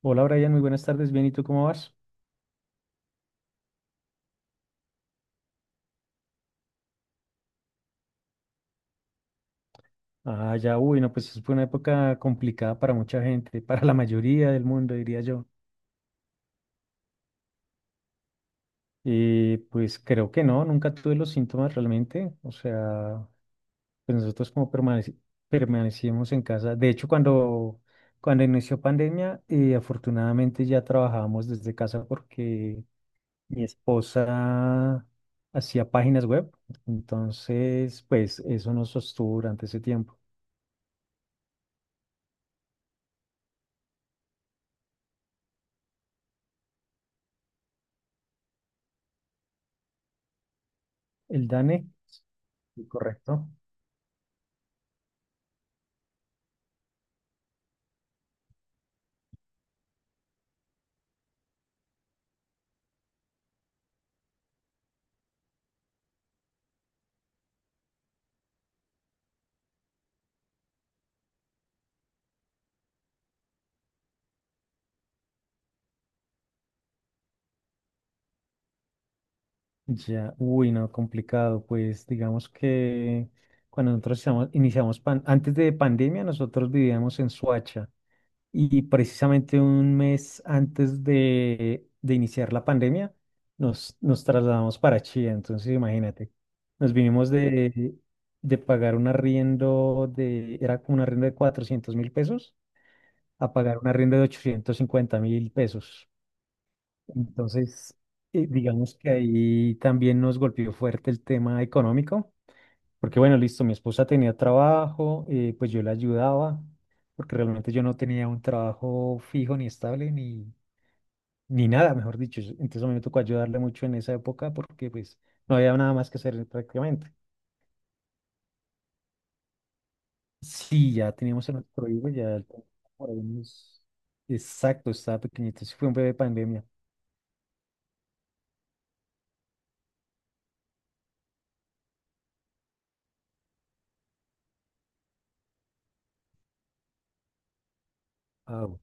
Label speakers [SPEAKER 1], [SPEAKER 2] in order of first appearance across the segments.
[SPEAKER 1] Hola Brian, muy buenas tardes. Bien, ¿y tú cómo vas? Ah, ya, uy, no, pues fue una época complicada para mucha gente, para la mayoría del mundo, diría yo. Y pues creo que no, nunca tuve los síntomas realmente. O sea, pues nosotros como permanecimos en casa. De hecho, cuando inició pandemia, afortunadamente ya trabajábamos desde casa porque mi esposa hacía páginas web. Entonces, pues eso nos sostuvo durante ese tiempo. El DANE, sí, correcto. Ya, uy, no, complicado. Pues digamos que cuando nosotros antes de pandemia, nosotros vivíamos en Suacha y precisamente un mes antes de iniciar la pandemia, nos trasladamos para Chía. Entonces, imagínate, nos vinimos de pagar un arriendo de, era como un arriendo de 400.000 pesos, a pagar un arriendo de 850.000 pesos. Entonces, digamos que ahí también nos golpeó fuerte el tema económico, porque bueno, listo, mi esposa tenía trabajo, pues yo la ayudaba, porque realmente yo no tenía un trabajo fijo ni estable, ni nada, mejor dicho. Entonces a mí me tocó ayudarle mucho en esa época porque pues no había nada más que hacer prácticamente. Sí, ya teníamos el nuestro hijo, ya él por ahí unos- Exacto, estaba pequeñito, sí fue un bebé pandemia. Au.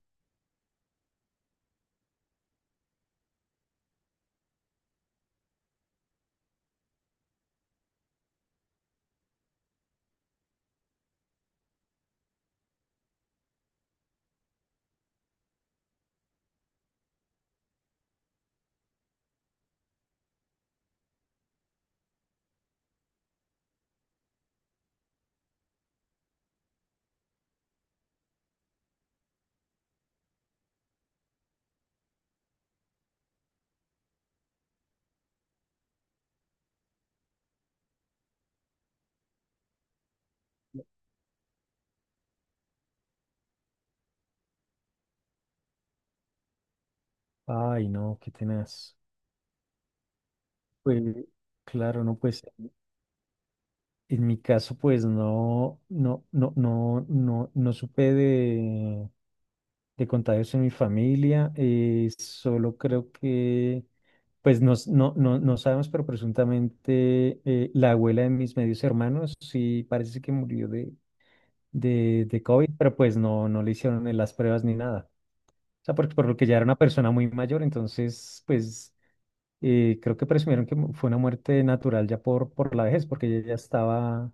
[SPEAKER 1] Ay, no, qué tenaz. Pues, claro, no, pues en mi caso, pues no supe de contagios en mi familia. Solo creo que, pues no, no sabemos, pero presuntamente la abuela de mis medios hermanos sí parece que murió de COVID, pero pues no le hicieron las pruebas ni nada. O sea, porque por lo que ya era una persona muy mayor, entonces, pues. Y creo que presumieron que fue una muerte natural ya por la vejez, porque ella ya estaba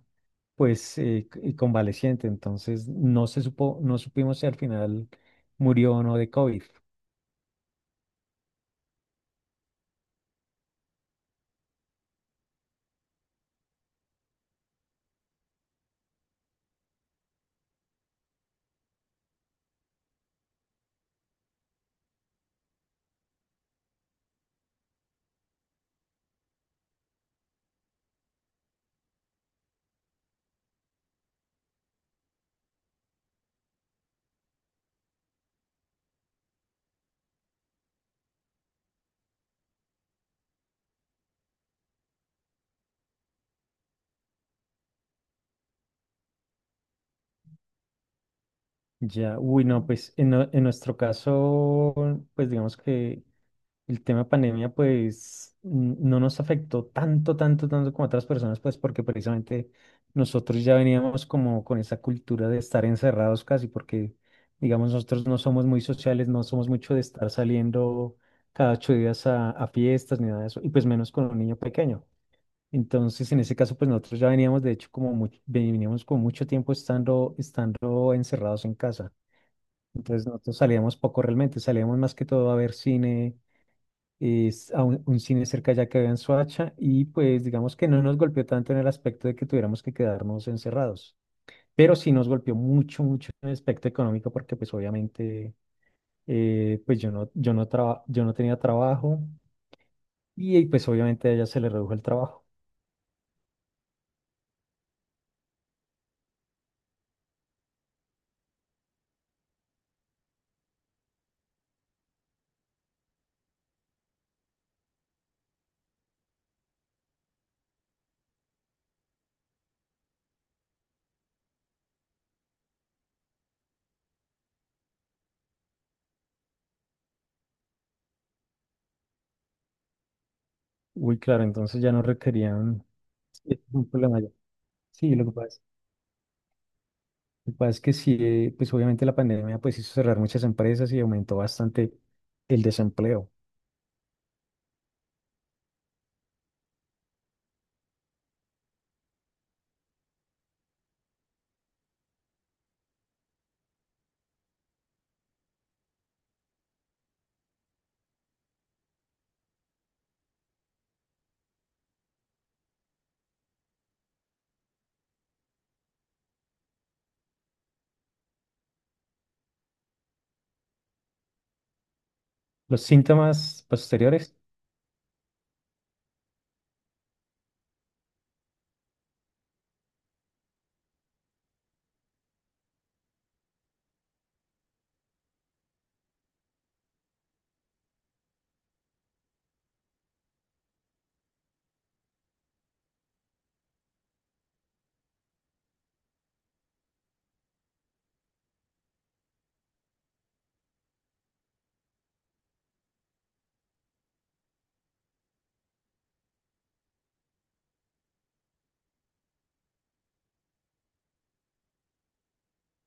[SPEAKER 1] pues y convaleciente. Entonces no se supo, no supimos si al final murió o no de COVID. Ya, uy, no, pues en nuestro caso, pues digamos que el tema pandemia, pues, no nos afectó tanto, tanto, tanto como otras personas, pues, porque precisamente nosotros ya veníamos como con esa cultura de estar encerrados casi, porque, digamos, nosotros no somos muy sociales, no somos mucho de estar saliendo cada 8 días a fiestas ni nada de eso, y pues menos con un niño pequeño. Entonces, en ese caso, pues nosotros ya veníamos, de hecho, como mucho, veníamos con mucho tiempo estando encerrados en casa. Entonces, nosotros salíamos poco realmente, salíamos más que todo a ver cine es a un cine cerca ya que había en Soacha, y pues digamos que no nos golpeó tanto en el aspecto de que tuviéramos que quedarnos encerrados, pero sí nos golpeó mucho, mucho en el aspecto económico porque pues obviamente pues yo no tenía trabajo, y pues obviamente a ella se le redujo el trabajo. Uy, claro, entonces ya no requerían. Sí, un problema ya. Sí, lo que pasa es que sí, pues obviamente la pandemia pues hizo cerrar muchas empresas y aumentó bastante el desempleo. Los síntomas posteriores.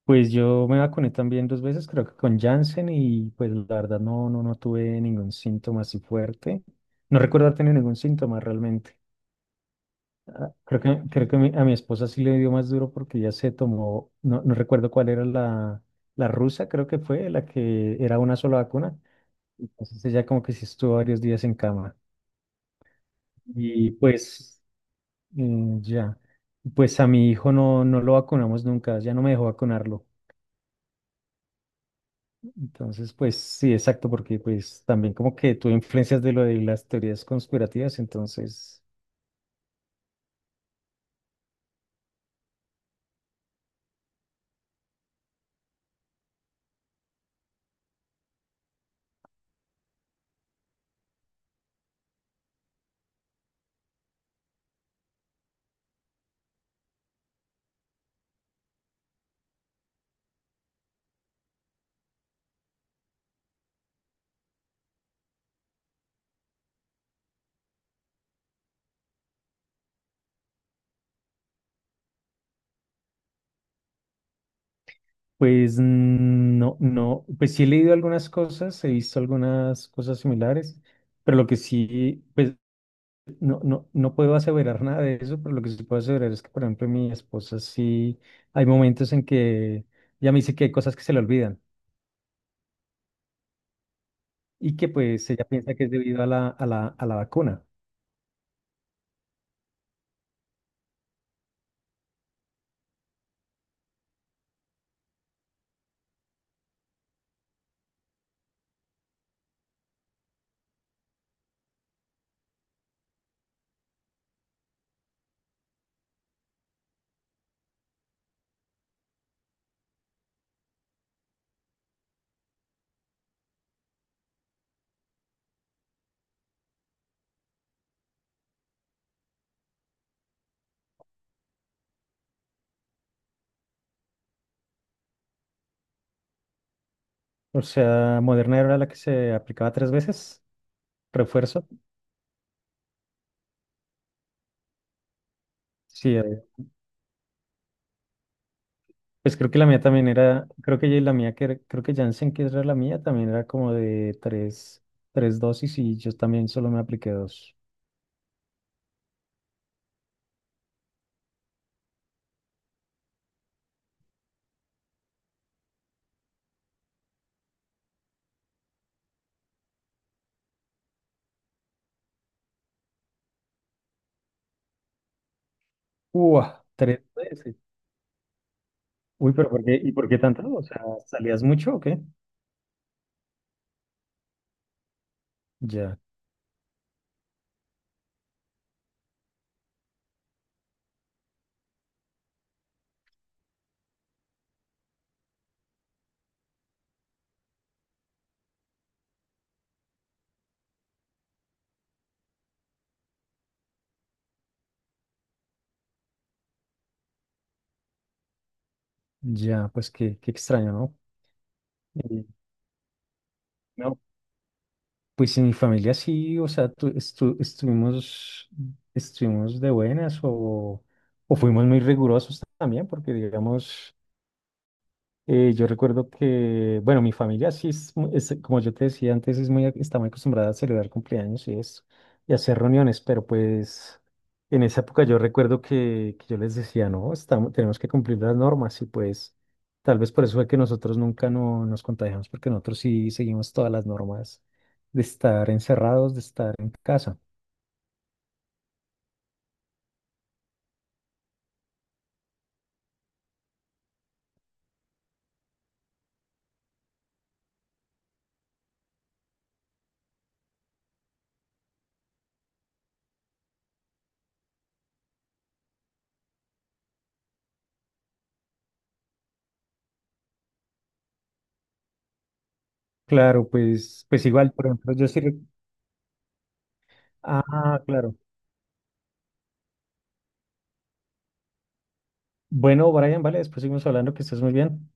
[SPEAKER 1] Pues yo me vacuné también dos veces, creo que con Janssen, y pues la verdad no tuve ningún síntoma así fuerte. No recuerdo haber tenido ningún síntoma realmente. Ah, Creo que a mi esposa sí le dio más duro porque ella se tomó, no recuerdo cuál era la rusa, creo que fue la que era una sola vacuna. Entonces ella como que sí estuvo varios días en cama. Y pues ya, pues a mi hijo no lo vacunamos nunca, ya no me dejó vacunarlo. Entonces, pues sí, exacto, porque pues también como que tuve influencias de lo de las teorías conspirativas, entonces, pues no, no, pues sí he leído algunas cosas, he visto algunas cosas similares, pero lo que sí, pues no puedo aseverar nada de eso, pero lo que sí puedo aseverar es que, por ejemplo, mi esposa sí, hay momentos en que ella me dice que hay cosas que se le olvidan y que pues ella piensa que es debido a la vacuna. O sea, Moderna era la que se aplicaba tres veces, refuerzo. Sí, pues creo que la mía también era, creo que ya la mía, creo que Janssen, que era la mía, también era como de tres dosis, y yo también solo me apliqué dos. ¡Uah! Tres veces. Uy, pero ¿por qué? ¿Y por qué tanto? O sea, ¿salías mucho o qué? Ya, ya, pues qué extraño, ¿no? Eh, no, pues en mi familia sí, o sea, estuvimos de buenas, o fuimos muy rigurosos también, porque digamos... yo recuerdo que, bueno, mi familia sí es, es, como yo te decía antes, es está muy acostumbrada a celebrar cumpleaños y eso, y hacer reuniones, pero pues en esa época yo recuerdo que yo les decía, no, tenemos que cumplir las normas, y pues tal vez por eso fue que nosotros nunca no, nos contagiamos, porque nosotros sí seguimos todas las normas de estar encerrados, de estar en casa. Claro, pues igual, por ejemplo, Ah, claro. Bueno, Brian, vale, después seguimos hablando, que estés muy bien.